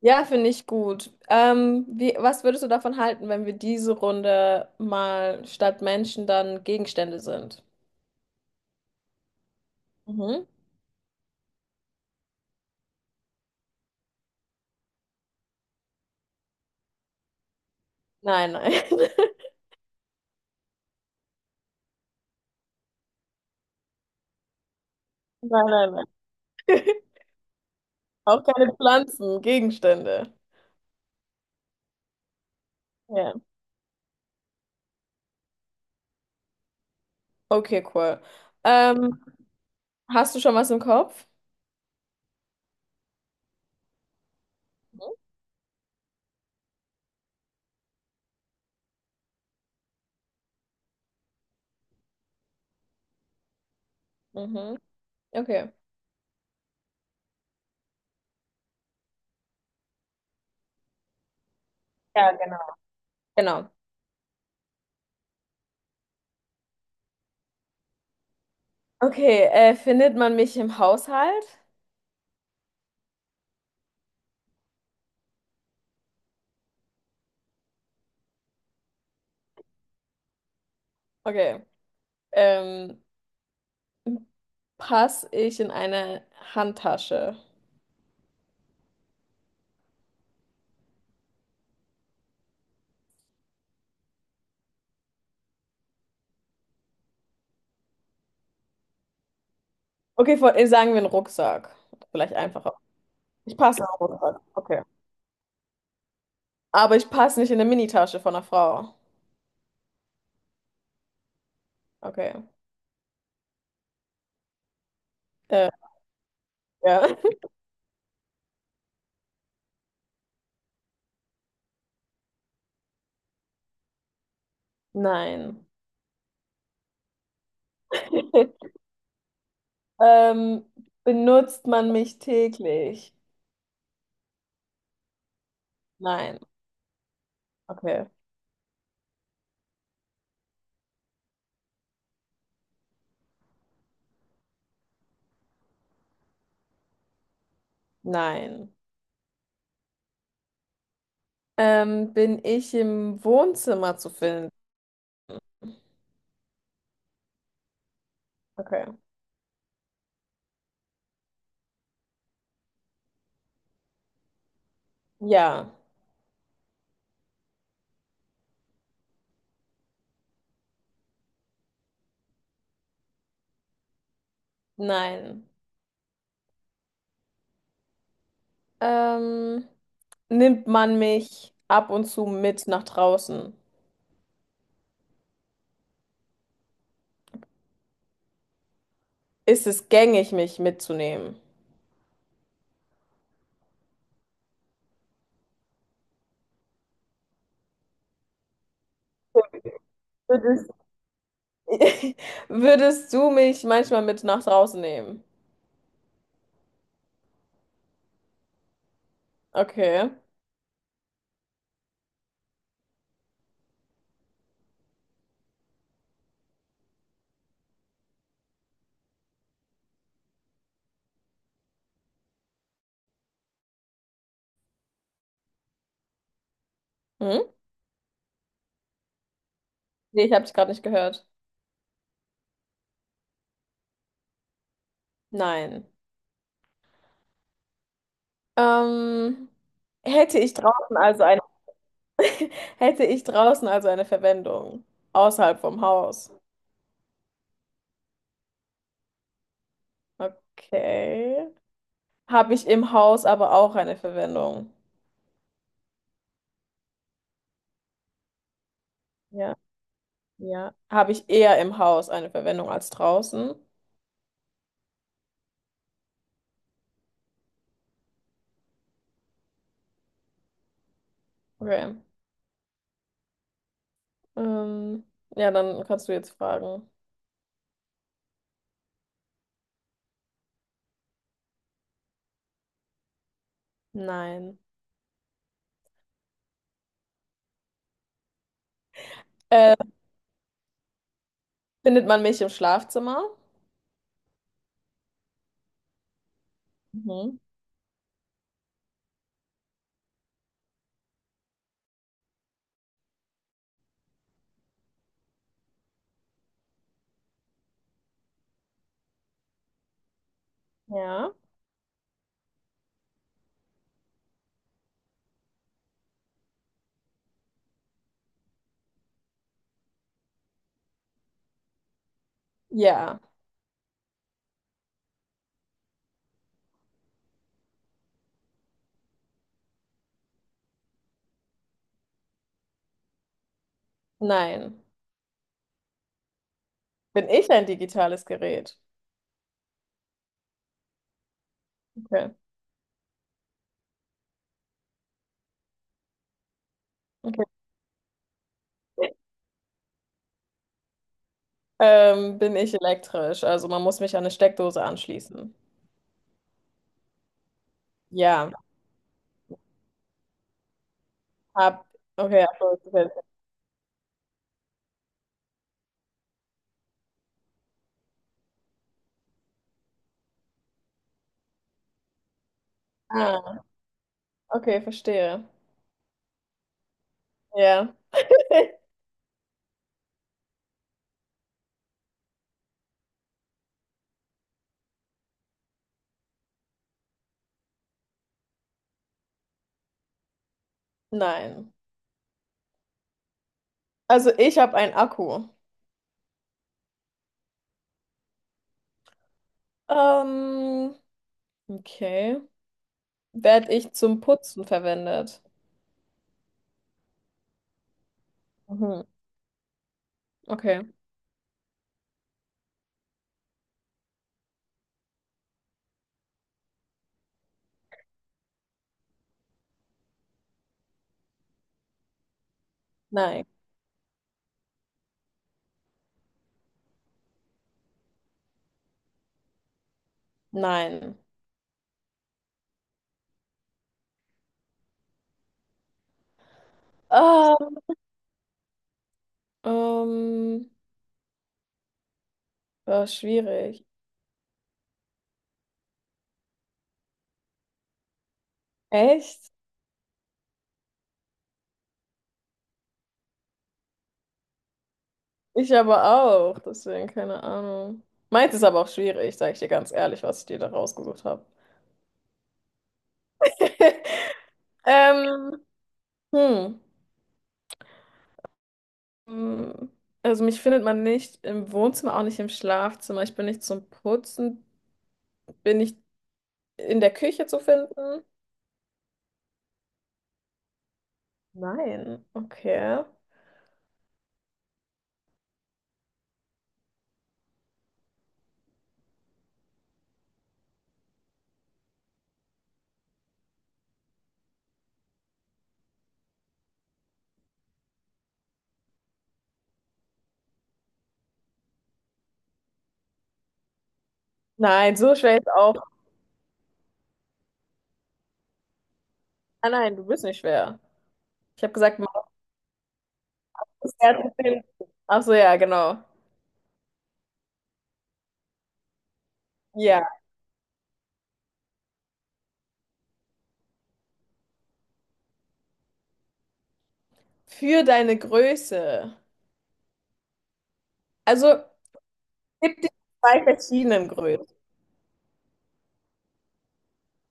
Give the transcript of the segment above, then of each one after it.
Ja, finde ich gut. Was würdest du davon halten, wenn wir diese Runde mal statt Menschen dann Gegenstände sind? Mhm. Nein, nein. Nein, nein, nein. Auch keine Pflanzen, Gegenstände. Ja. Okay, cool. Ähm, hast du schon was im Kopf? Mhm. Mhm. Okay. Ja, genau. Genau. Okay, findet man mich im Haushalt? Okay. Ähm, passe ich in eine Handtasche? Okay, sagen wir einen Rucksack. Vielleicht einfacher. Ich passe in einen Rucksack. Okay. Aber ich passe nicht in eine Minitasche von einer Frau. Okay. Äh, ja. Nein. Ähm, benutzt man mich täglich? Nein. Okay. Nein. Bin ich im Wohnzimmer zu finden? Okay. Ja. Nein. Ähm, nimmt man mich ab und zu mit nach draußen? Ist es gängig, mich mitzunehmen? Würde Würdest du mich manchmal mit nach draußen nehmen? Okay. Hm? Nee, ich habe dich gerade nicht gehört. Nein. Ähm, hätte ich draußen also eine hätte ich draußen also eine Verwendung außerhalb vom Haus? Okay. Habe ich im Haus aber auch eine Verwendung? Ja, ja. Habe ich eher im Haus eine Verwendung als draußen? Okay. Ähm, ja, dann kannst du jetzt fragen. Nein. Äh, findet man mich im Schlafzimmer? Mhm. Ja. Ja. Nein. Bin ich ein digitales Gerät? Okay. Okay. Bin ich elektrisch? Also man muss mich an eine Steckdose anschließen. Ja. Hab. Okay, ach so. Ah, okay, verstehe. Ja. Nein. Also ich habe einen Akku. Ähm, okay. Werd ich zum Putzen verwendet? Mhm. Okay. Nein. Nein. Ah, ähm, war schwierig. Echt? Ich aber auch, deswegen keine Ahnung. Meins ist aber auch schwierig, sage ich dir ganz ehrlich, was ich dir da rausgesucht habe. Ähm, hm. Hm. Also mich findet man nicht im Wohnzimmer, auch nicht im Schlafzimmer. Ich bin nicht zum Putzen. Bin ich in der Küche zu finden? Nein. Okay. Nein, so schwer ist auch. Ah nein, du bist nicht schwer. Ich habe gesagt, Maus ist schwer zu finden. Ach so, ja, genau. Ja. Für deine Größe. Also gibt es zwei verschiedenen Größen.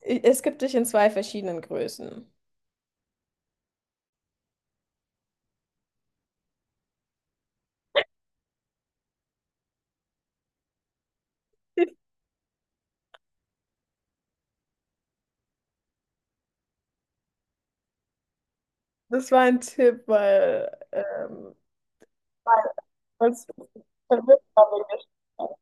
Es gibt dich in zwei verschiedenen Größen. Das war ein Tipp, weil, weil es verwirrt war wegen der Schublade.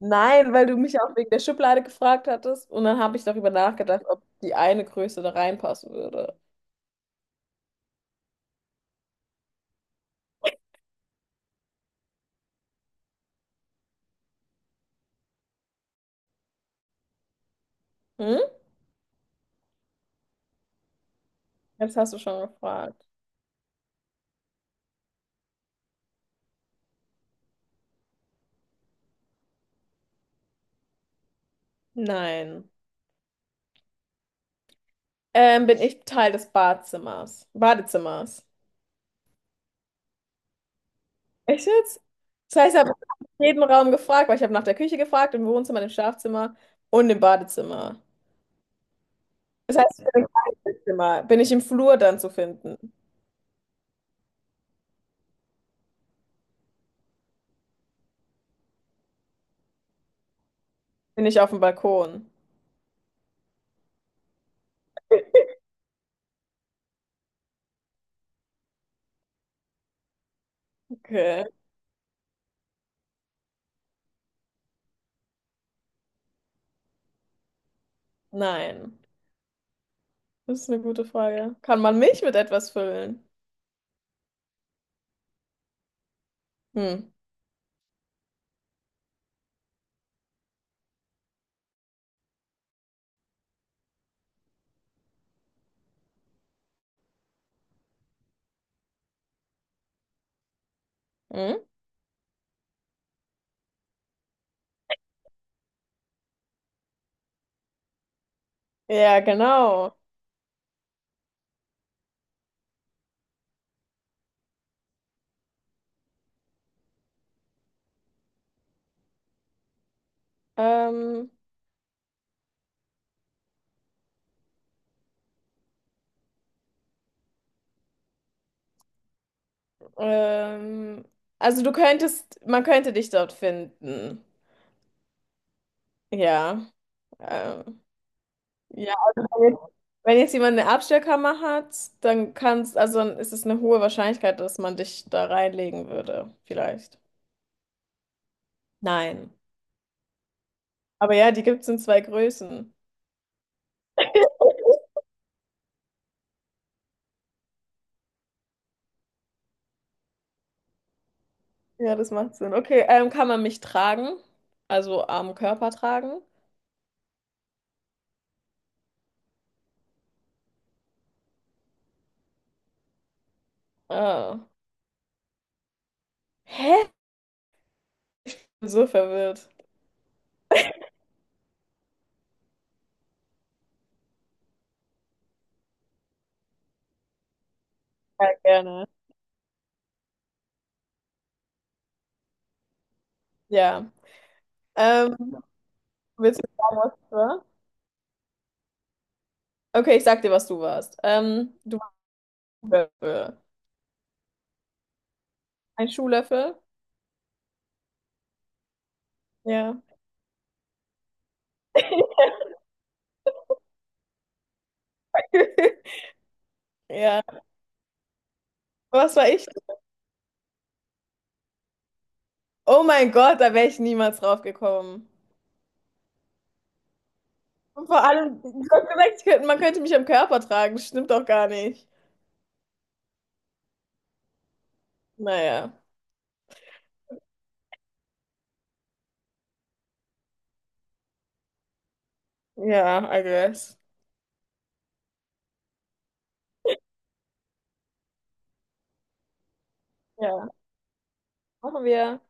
Nein, weil du mich auch wegen der Schublade gefragt hattest und dann habe ich darüber nachgedacht, ob die eine Größe da reinpassen würde. Hm? Jetzt hast du schon gefragt. Nein. Bin ich Teil des Badezimmers. Echt jetzt? Das heißt, ich habe jeden Raum gefragt, weil ich habe nach der Küche gefragt, im Wohnzimmer, im Schlafzimmer und im Badezimmer. Das heißt, ich bin im Kinderzimmer. Bin ich im Flur dann zu finden? Bin ich auf dem Balkon? Okay. Nein. Das ist eine gute Frage. Kann man mich mit etwas füllen? Hm. Hm? Ja, genau. Ähm, ähm, also du könntest, man könnte dich dort finden. Ja. Ähm, ja, also wenn jetzt jemand eine Abstellkammer hat, dann kannst, also dann ist es eine hohe Wahrscheinlichkeit, dass man dich da reinlegen würde, vielleicht. Nein. Aber ja, die gibt es in zwei Größen. Ja, das macht Sinn. Okay, kann man mich tragen? Also am Körper tragen? Äh, hä? Bin so verwirrt. Ja, gerne. Ja. Ähm, willst du sagen, was du warst? Okay, ich sag dir, was du warst. Du warst ein Löffel. Ein Schuhlöffel? Ja. Ja. Was war ich? Oh mein Gott, da wäre ich niemals drauf gekommen. Und vor allem, du hast gesagt, man könnte mich am Körper tragen. Das stimmt doch gar nicht. Naja. Ja, I guess. Ja, machen wir.